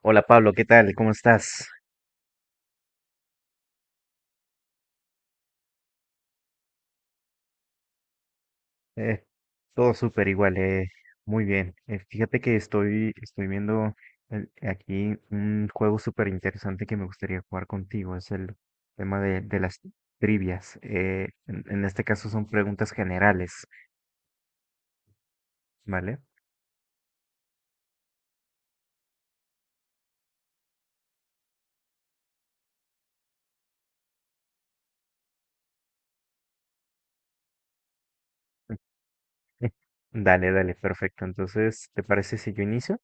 Hola Pablo, ¿qué tal? ¿Cómo estás? Eh, todo súper igual, muy bien. Fíjate que estoy viendo aquí un juego súper interesante que me gustaría jugar contigo. Es el tema de las trivias. En este caso son preguntas generales, ¿vale? Dale, dale, perfecto. Entonces, ¿te parece si yo inicio?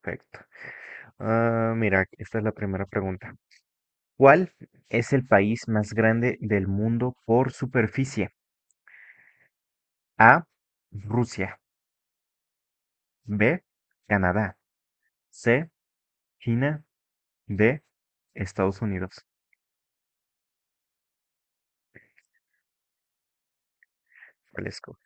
Perfecto. Ah, mira, esta es la primera pregunta. ¿Cuál es el país más grande del mundo por superficie? A. Rusia. B. Canadá. C. China. D. Estados Unidos. ¿Cuál escoge?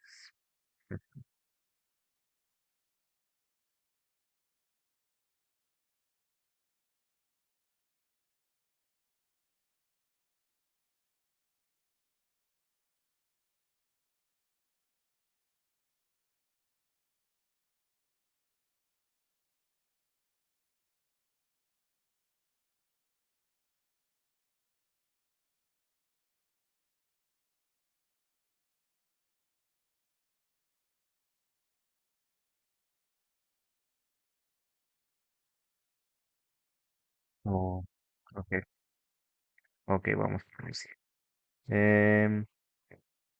Oh, ok, ok, vamos por Rusia. Em,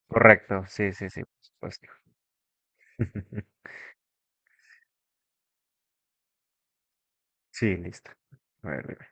Correcto, sí, sí, sí, por supuesto. Sí, listo. A ver, dime.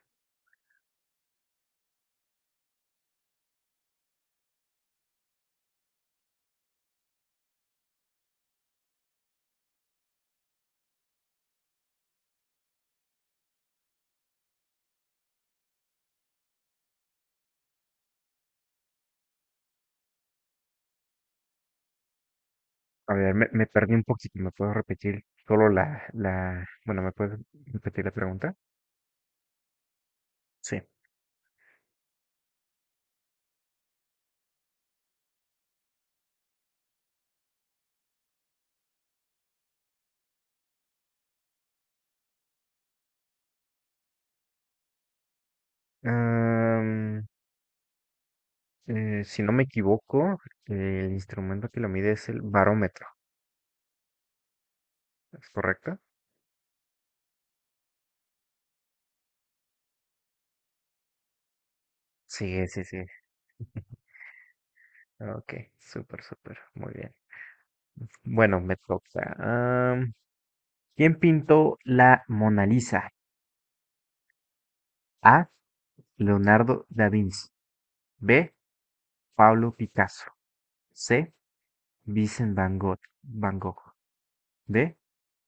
A ver, me perdí un poquito. ¿Me puedo repetir solo la, la, bueno, ¿me puedes repetir la pregunta? Sí. Am, si no me equivoco, el instrumento que lo mide es el barómetro, ¿es correcto? Sí, sí, sí. Ok, súper, súper. Muy bien. Bueno, me toca. Am, ¿Quién pintó la Mona Lisa? A. Leonardo da Vinci. B. Pablo Picasso. C. Vincent Van Gogh. Van Gogh. D.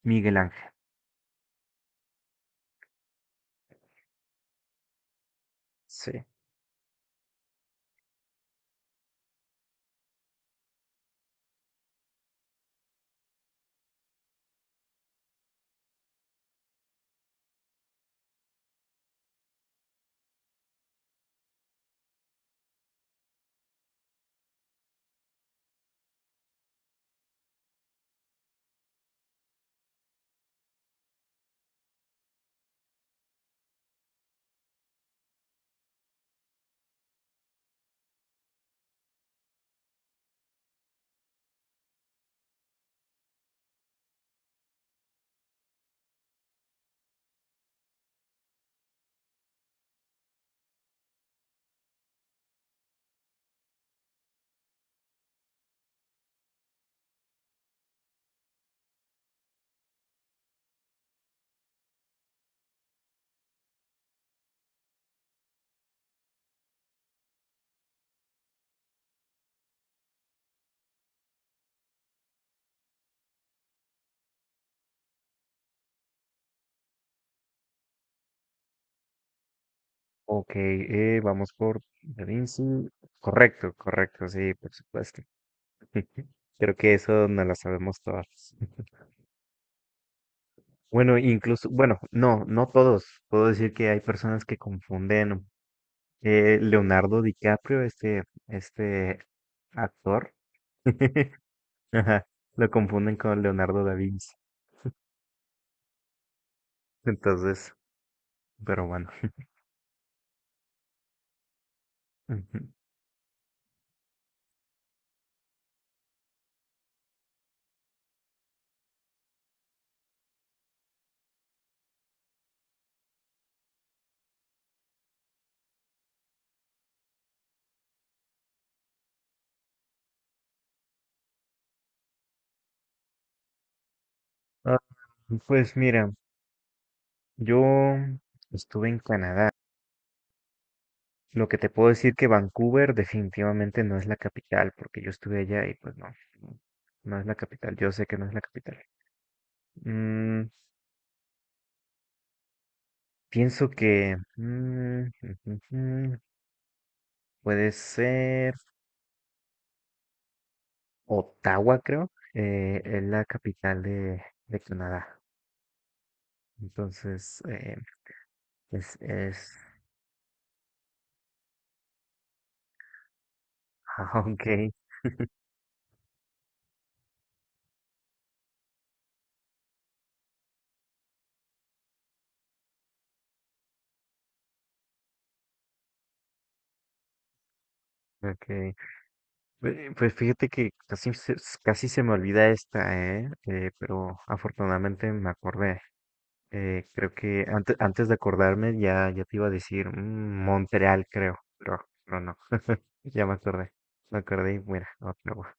Miguel Ángel. Sí. Ok, vamos por Da Vinci. Correcto, correcto, sí, por supuesto. Creo que eso no lo sabemos todos. Bueno, incluso, bueno, no, no todos. Puedo decir que hay personas que confunden Leonardo DiCaprio, este actor, ajá, lo confunden con Leonardo da Vinci. Entonces, pero bueno. Ujú. Ah, pues mira, yo estuve en Canadá. Lo que te puedo decir que Vancouver definitivamente no es la capital, porque yo estuve allá y pues no no es la capital. Yo sé que no es la capital. Mm, Pienso que mm, mm, puede ser Ottawa, creo. Es la capital de Canadá. Entonces, es... ah, ok, ok. Pues fíjate que casi se me olvida esta, ¿eh? Pero afortunadamente me acordé. Creo que antes de acordarme ya te iba a decir Montreal, creo. Pero no, ya me acordé. Me acordé y mira, Ottawa.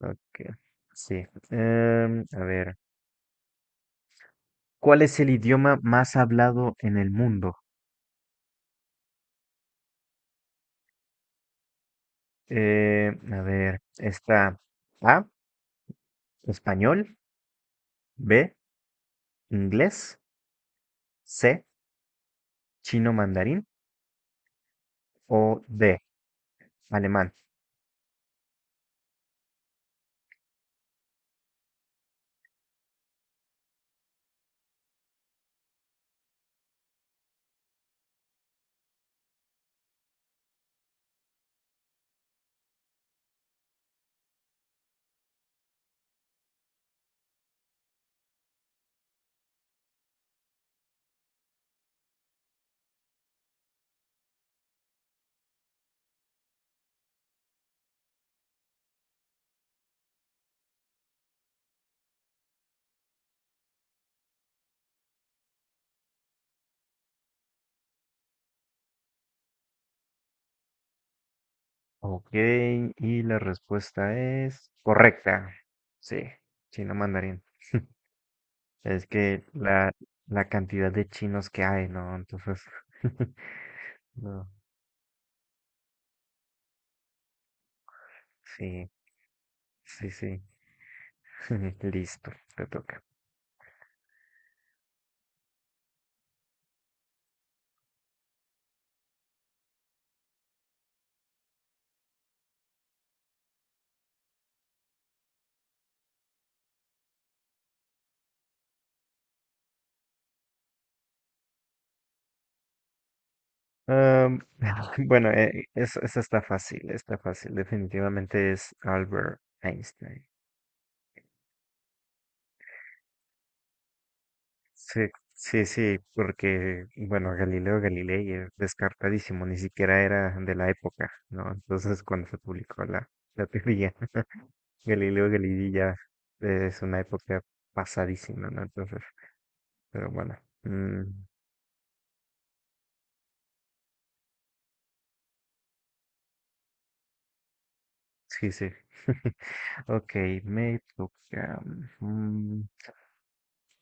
Ok, sí. A ver, ¿cuál es el idioma más hablado en el mundo? A ver, está A, español, B, inglés, C, chino mandarín o D, alemán. Ok, y la respuesta es correcta. Sí, chino mandarín. Es que la cantidad de chinos que hay, ¿no? Entonces, no, sí, sí, sí. Listo, te toca. Am, bueno, esa está fácil, está fácil. Definitivamente es Albert Einstein. Sí, sí, sí, porque, bueno, Galileo Galilei es descartadísimo, ni siquiera era de la época, ¿no? Entonces, cuando se publicó la teoría, Galileo Galilei ya es una época pasadísima, ¿no? Entonces, pero bueno, mm, sí, sí. Ok, me toca. mm,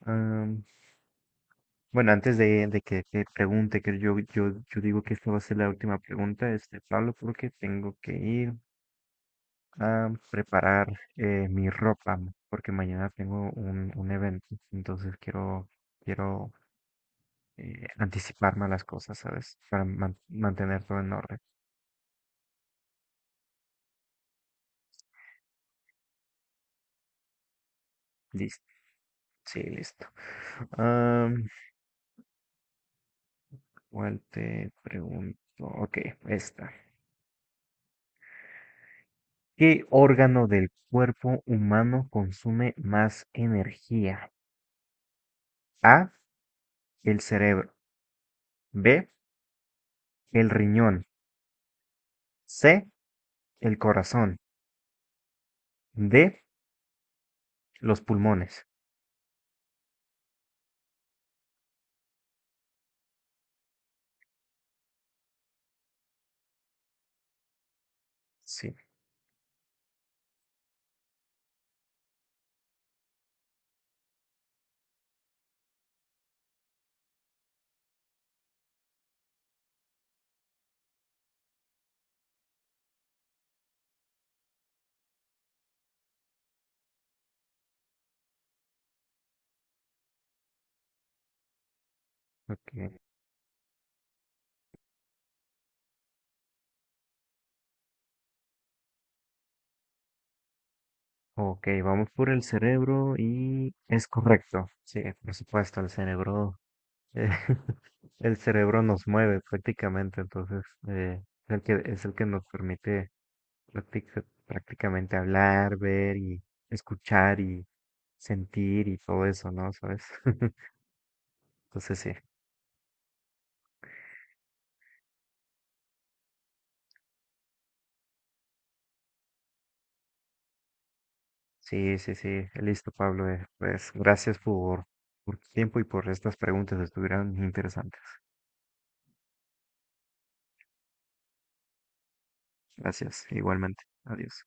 am, Bueno, antes de que te pregunte, que yo digo que esta va a ser la última pregunta, este, Pablo, porque tengo que ir a preparar mi ropa, porque mañana tengo un evento, entonces quiero anticiparme a las cosas, ¿sabes? Para mantener todo en orden. Listo, sí, listo. Am, ¿Cuál te pregunto? Ok, esta. ¿Qué órgano del cuerpo humano consume más energía? A. El cerebro, B, el riñón, C, el corazón, D, los pulmones. Sí, ok. Ok, vamos por el cerebro y es correcto. Sí, por supuesto, el cerebro, eh, el cerebro nos mueve prácticamente, entonces es el que nos permite prácticamente hablar, ver y escuchar y sentir y todo eso, ¿no? ¿Sabes? Entonces sí. Sí, sí, sí, listo, Pablo. Pues gracias por tu tiempo y por estas preguntas, estuvieron interesantes. Gracias, igualmente. Adiós.